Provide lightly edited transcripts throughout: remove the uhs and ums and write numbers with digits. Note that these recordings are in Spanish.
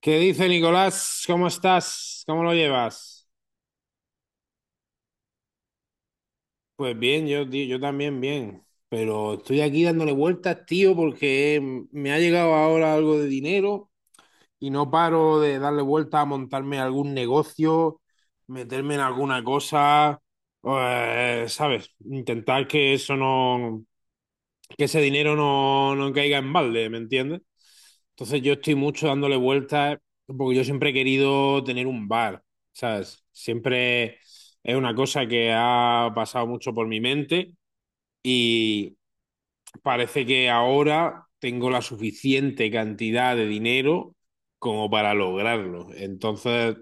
¿Qué dice Nicolás? ¿Cómo estás? ¿Cómo lo llevas? Pues bien, yo, tío, yo también bien, pero estoy aquí dándole vueltas, tío, porque me ha llegado ahora algo de dinero y no paro de darle vueltas a montarme algún negocio, meterme en alguna cosa, ¿sabes? Intentar que eso no, que ese dinero no caiga en balde, ¿me entiendes? Entonces yo estoy mucho dándole vueltas porque yo siempre he querido tener un bar, ¿sabes? Siempre es una cosa que ha pasado mucho por mi mente y parece que ahora tengo la suficiente cantidad de dinero como para lograrlo. Entonces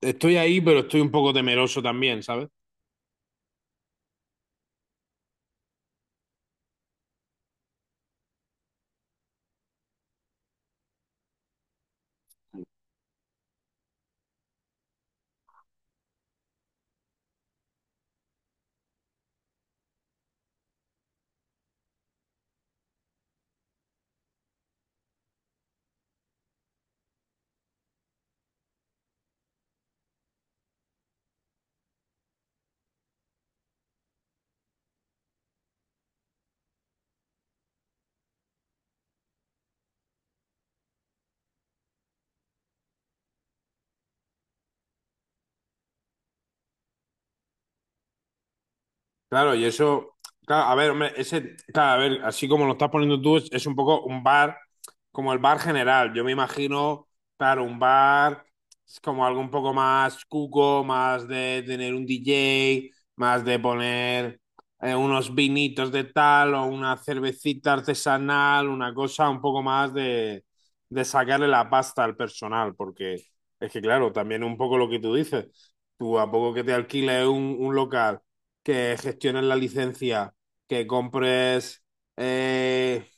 estoy ahí, pero estoy un poco temeroso también, ¿sabes? Claro, y eso, claro, a ver, hombre, ese, claro, a ver, así como lo estás poniendo tú, es un poco un bar, como el bar general. Yo me imagino, claro, un bar es como algo un poco más cuco, más de tener un DJ, más de poner unos vinitos de tal o una cervecita artesanal, una cosa un poco más de sacarle la pasta al personal, porque es que, claro, también un poco lo que tú dices, tú a poco que te alquiles un local que gestiones la licencia, que compres eh,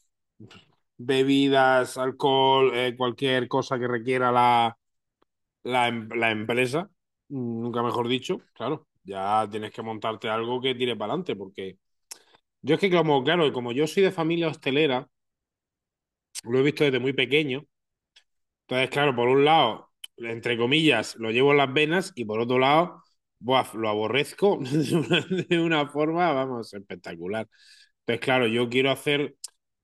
bebidas, alcohol, cualquier cosa que requiera la la empresa, nunca mejor dicho, claro, ya tienes que montarte algo que tire para adelante, porque yo es que como, claro, como yo soy de familia hostelera, lo he visto desde muy pequeño. Entonces, claro, por un lado, entre comillas, lo llevo en las venas y por otro lado, buah, lo aborrezco de una forma, vamos, espectacular. Entonces, claro, yo quiero hacer,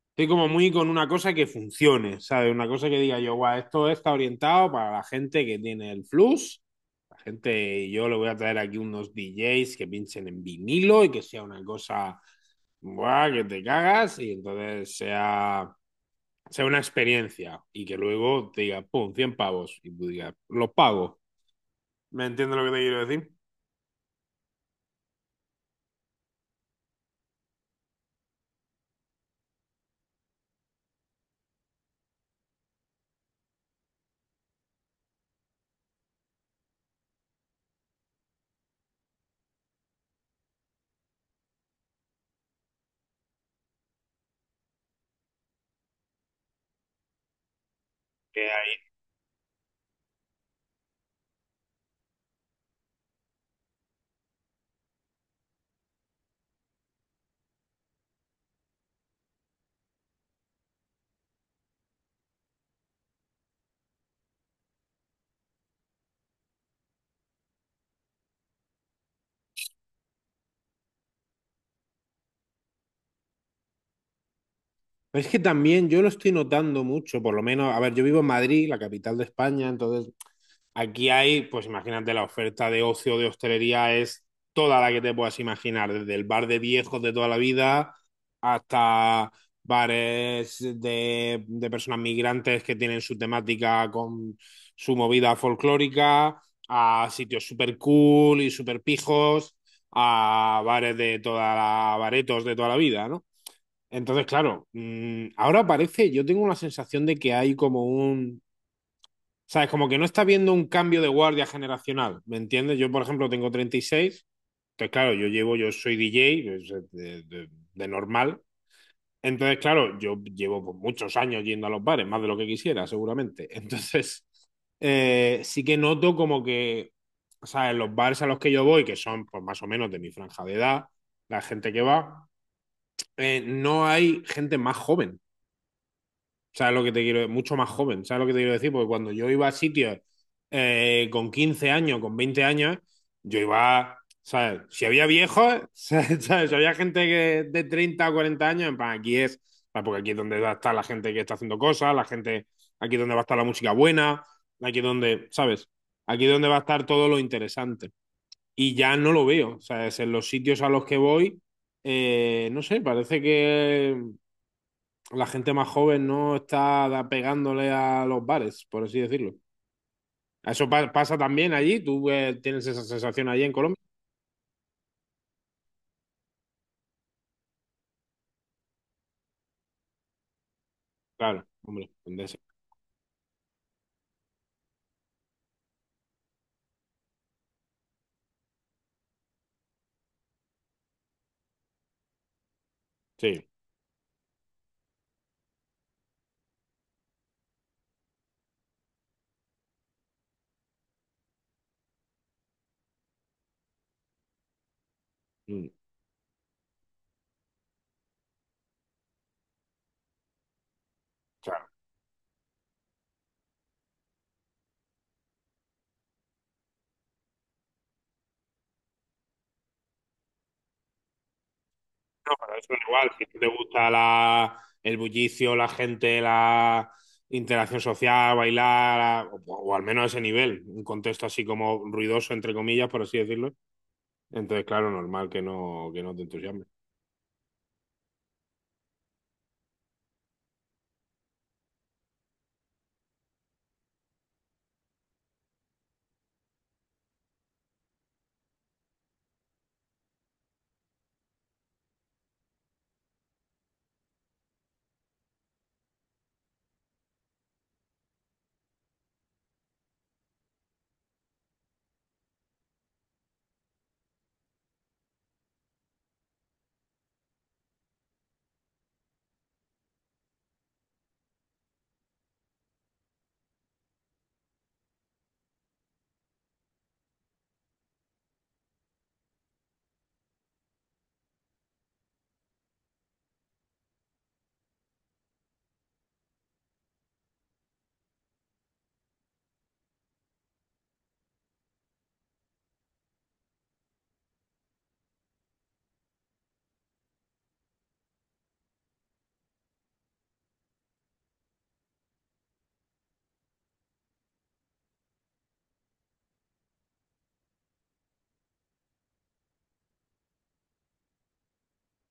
estoy como muy con una cosa que funcione, ¿sabes? Una cosa que diga yo, guau, esto está orientado para la gente que tiene el flux, la gente, yo le voy a traer aquí unos DJs que pinchen en vinilo y que sea una cosa, guau, que te cagas y entonces sea una experiencia y que luego te diga, pum, 100 pavos y tú digas, los pago. ¿Me entiendes lo que te quiero decir? Que ahí- Es que también yo lo estoy notando mucho, por lo menos, a ver, yo vivo en Madrid, la capital de España, entonces aquí hay, pues imagínate, la oferta de ocio de hostelería es toda la que te puedas imaginar, desde el bar de viejos de toda la vida hasta bares de personas migrantes que tienen su temática con su movida folclórica, a sitios super cool y super pijos, a bares de toda baretos de toda la vida, ¿no? Entonces, claro, ahora parece, yo tengo la sensación de que hay como un sea, es como que no está viendo un cambio de guardia generacional, ¿me entiendes? Yo, por ejemplo, tengo 36, entonces, claro, yo llevo, yo soy DJ pues, de normal, entonces, claro, yo llevo pues, muchos años yendo a los bares, más de lo que quisiera, seguramente. Entonces, sí que noto como que, o sea, en los bares a los que yo voy, que son pues, más o menos de mi franja de edad, la gente que va, no hay gente más joven. ¿Sabes lo que te quiero decir? Mucho más joven, ¿sabes lo que te quiero decir? Porque cuando yo iba a sitios con 15 años, con 20 años, yo iba, ¿sabes? Si había viejos, ¿sabes? Si había gente que de 30 o 40 años, en plan, aquí es, ¿sabes? Porque aquí es donde va a estar la gente que está haciendo cosas, la gente, aquí es donde va a estar la música buena, aquí es donde, ¿sabes? Aquí es donde va a estar todo lo interesante. Y ya no lo veo, ¿sabes? En los sitios a los que voy, no sé, parece que la gente más joven no está pegándole a los bares, por así decirlo. Eso pasa también allí, tú tienes esa sensación allí en Colombia. Claro, hombre, Endesa. Sí, mm, claro, para eso es igual, si te gusta el bullicio, la gente, la interacción social, bailar, o al menos a ese nivel, un contexto así como ruidoso, entre comillas, por así decirlo. Entonces, claro, normal que no te entusiasme.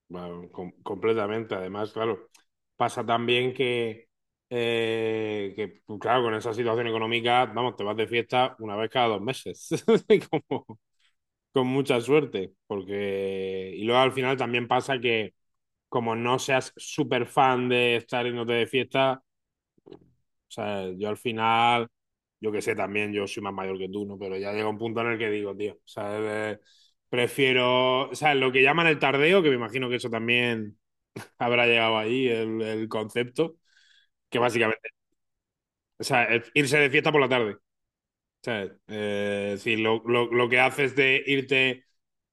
Bueno, completamente. Además, claro, pasa también que, pues, claro, con esa situación económica, vamos, te vas de fiesta una vez cada dos meses, y como- con mucha suerte, porque... Y luego al final también pasa que como no seas súper fan de estar yéndote de fiesta, o sea, yo al final, yo que sé, también yo soy más mayor que tú, ¿no? Pero ya llega un punto en el que digo, tío, o sea, eh, prefiero, o sea, lo que llaman el tardeo, que me imagino que eso también habrá llegado ahí, el concepto, que básicamente, o sea, irse de fiesta por la tarde. ¿Sabes? Sí, lo que haces de irte,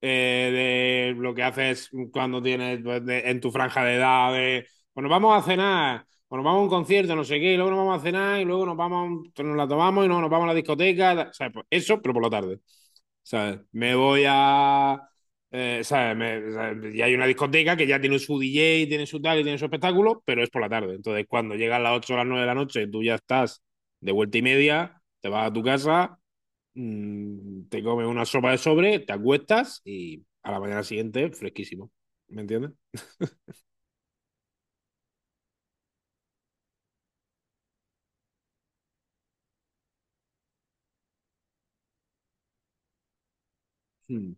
de lo que haces cuando tienes pues, en tu franja de edad, de, bueno, vamos a cenar, bueno, vamos a un concierto, no sé qué, y luego nos vamos a cenar, y luego nos vamos, nos la tomamos y no, nos vamos a la discoteca, ¿sabes? Pues eso, pero por la tarde, ¿sabes? Me voy a... ¿sabes? ¿Sabes? Y hay una discoteca que ya tiene su DJ, tiene su tal y tiene su espectáculo, pero es por la tarde. Entonces, cuando llegan las 8 o las 9 de la noche, tú ya estás de vuelta y media, te vas a tu casa, mm, te comes una sopa de sobre, te acuestas y a la mañana siguiente fresquísimo. ¿Me entiendes? Mm.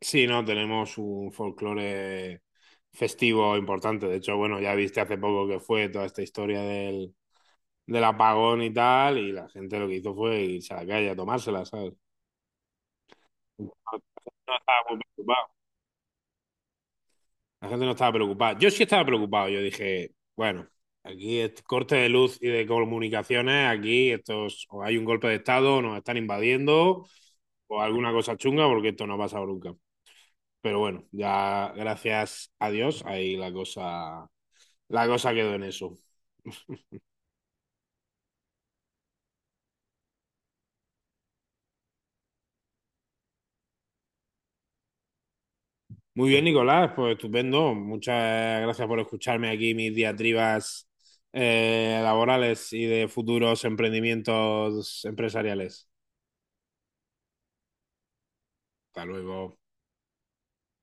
Sí, no, tenemos un folclore festivo importante. De hecho, bueno, ya viste hace poco que fue toda esta historia del apagón y tal, y la gente lo que hizo fue irse a la calle a tomársela, ¿sabes? No estaba muy preocupado. La gente no estaba preocupada. Yo sí estaba preocupado. Yo dije, bueno, aquí es corte de luz y de comunicaciones, aquí estos, o hay un golpe de estado, nos están invadiendo, o alguna cosa chunga, porque esto no ha pasado nunca. Pero bueno, ya gracias a Dios, ahí la cosa quedó en eso. Muy bien, Nicolás, pues estupendo. Muchas gracias por escucharme aquí mis diatribas laborales y de futuros emprendimientos empresariales. Hasta luego.